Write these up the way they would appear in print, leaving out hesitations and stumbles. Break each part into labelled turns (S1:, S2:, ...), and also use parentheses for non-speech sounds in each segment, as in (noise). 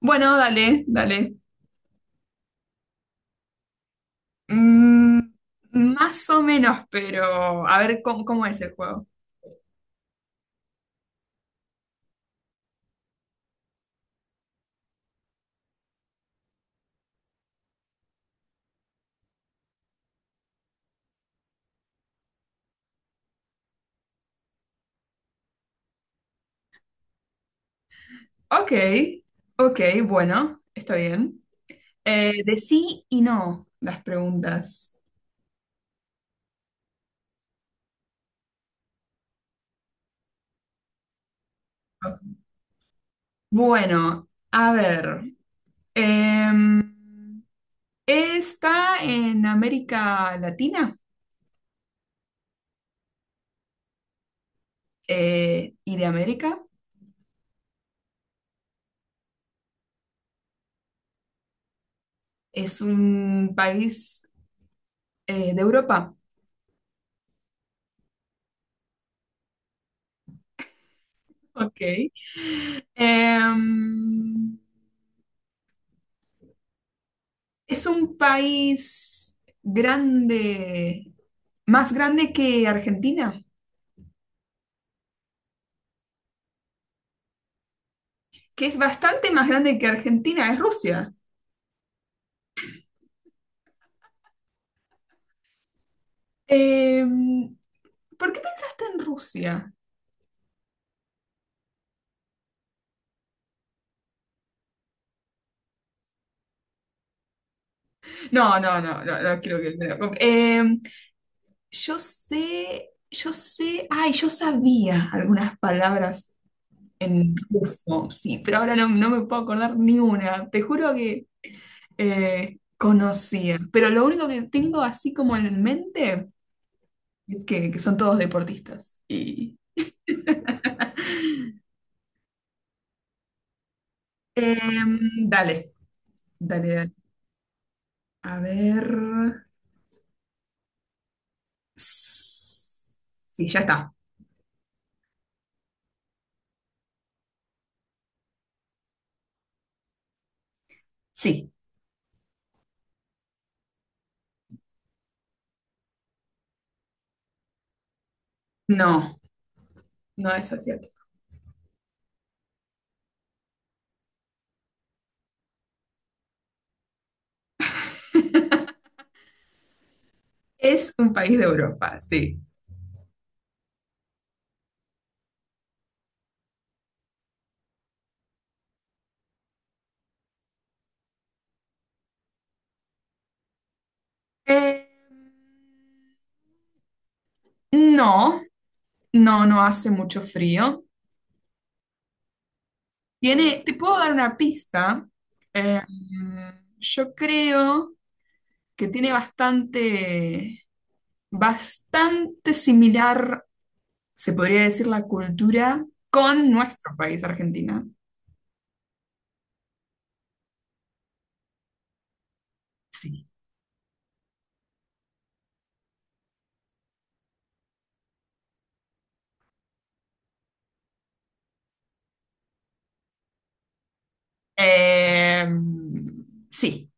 S1: Bueno, dale, dale. Mm, más o menos, pero a ver cómo es el juego. Ok, ok, bueno, está bien. De sí y no las preguntas. Bueno, a ver. em, Está en América Latina y de América. Es un país de Europa. Ok. Em, Es un país grande, más grande que Argentina, que es bastante más grande que Argentina, es Rusia. Em, ¿Por qué pensaste en Rusia? No, no, no, no, no quiero que me lo yo sé, ay, yo sabía algunas palabras en ruso, sí, pero ahora no me puedo acordar ni una. Te juro que conocía, pero lo único que tengo así como en mente... Es que son todos deportistas. Y... (laughs) Em, dale, dale, dale. A ver. Sí, ya está. Sí. No, no es asiático. (laughs) Es un país de Europa, sí. Eh, no, no, no hace mucho frío. Tiene, te puedo dar una pista. Eh, yo creo. Que tiene bastante, bastante similar, se podría decir, la cultura con nuestro país, Argentina. Sí. Eh, sí.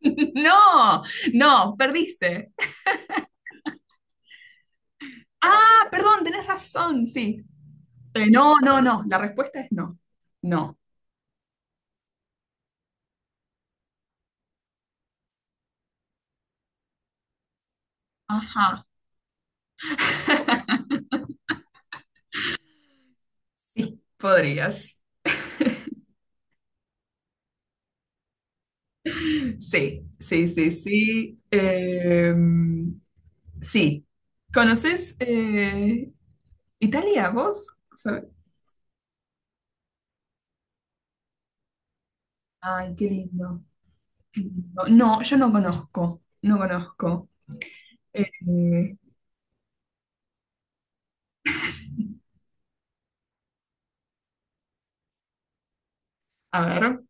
S1: (laughs) No, no, perdiste. (laughs) Ah, perdón, tenés razón, sí. No, no, no, la respuesta es no. No. Ajá. (laughs) Sí, podrías. Sí, sí, sí, sí. Sí. ¿Conoces Italia, vos? ¿Sabes? Ay, qué lindo, qué lindo. No, yo no conozco, no conozco. Eh, a ver.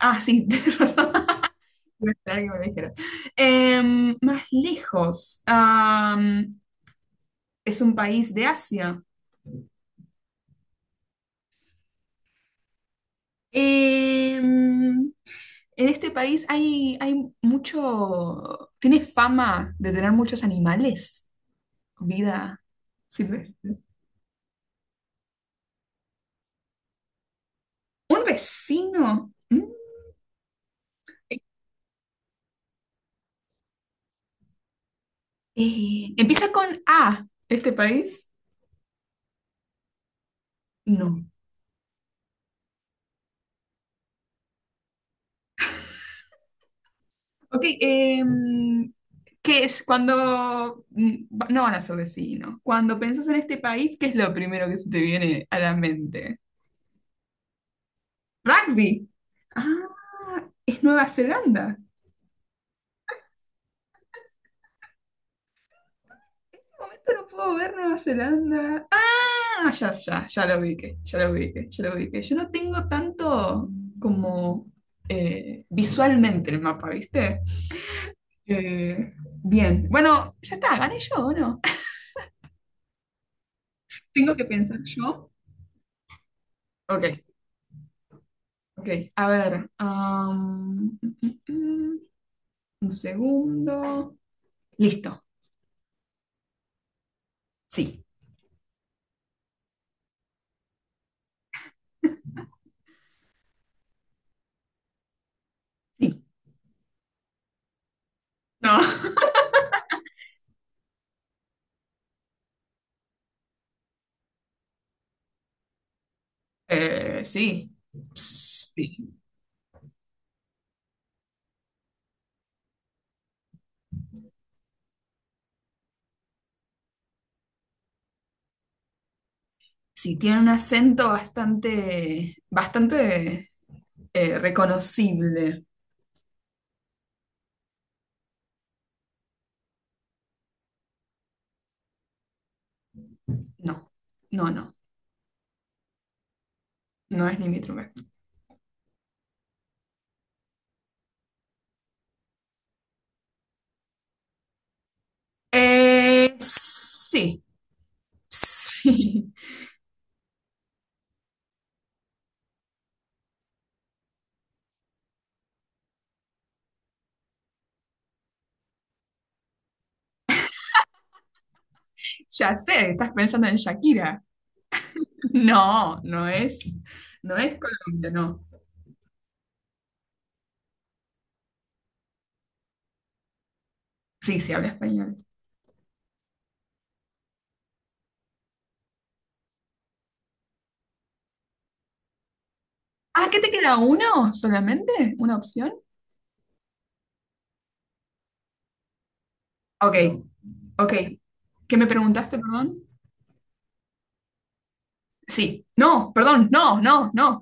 S1: Ah, sí, (laughs) tenés razón. Iba a esperar que me lo dijeras. Más lejos. Es un país de Asia. Em, En este país hay mucho, tiene fama de tener muchos animales, vida silvestre. Un vecino. ¿Mm? Empieza con A, este país. No. Ok, ¿qué es cuando... No van a ser vecinos. Cuando pensás en este país, ¿qué es lo primero que se te viene a la mente? Rugby. Ah, es Nueva Zelanda. De momento no puedo ver Nueva Zelanda. Ah, ya, ya, ya lo ubiqué, ya lo ubiqué, ya lo ubiqué. Yo no tengo tanto como visualmente el mapa, ¿viste? Eh, bien, bueno, ya está, gané yo, ¿o no? (laughs) Tengo que pensar yo. Ok, ok, a ver. Am, mm, mm, mm, un segundo. Listo, sí, sí. No, (laughs) sí, sí. Sí, tiene un acento bastante, bastante reconocible. No, no, no, no es limítrofe. Sí, sí, (laughs) ya sé, estás pensando en Shakira. (laughs) No, no es, no es Colombia, no. Sí, sí, habla español. Ah, ¿qué te queda uno solamente? ¿Una opción? Ok, ok. ¿Qué me preguntaste, perdón? Sí, no, perdón, no, no, no.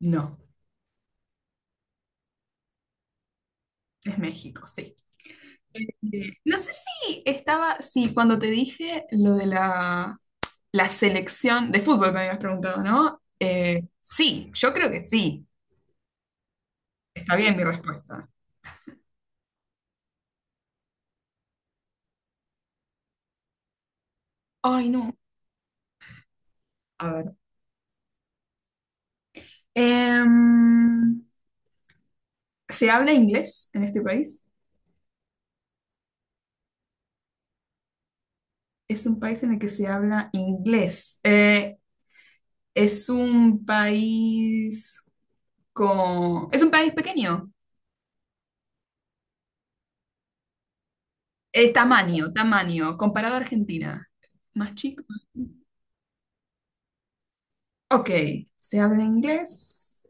S1: No, es México, sí. No sé si estaba, sí, cuando te dije lo la selección de fútbol me habías preguntado, ¿no? Sí, yo creo que sí. Está bien mi respuesta. Ay, no. A ver. Em, ¿Se habla inglés en este país? Es un país en el que se habla inglés. Es un país con... Es un país pequeño. Es tamaño, tamaño, comparado a Argentina. Más chico. Ok, se habla inglés.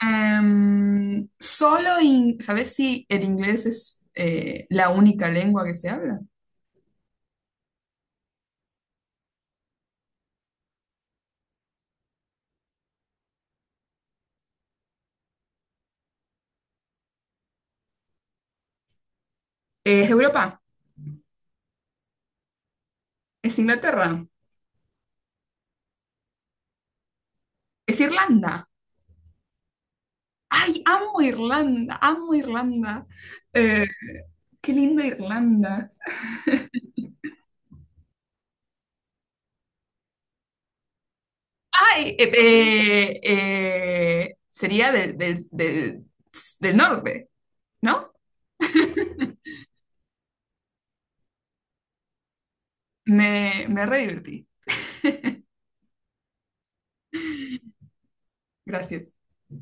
S1: Solo, ¿sabes si el inglés es la única lengua que se habla? Es Europa, es Inglaterra, es Irlanda. ¡Ay, amo Irlanda! ¡Amo Irlanda! Eh, ¡Qué linda Irlanda! Ay, sería del norte, ¿no? Me re divertí. Gracias.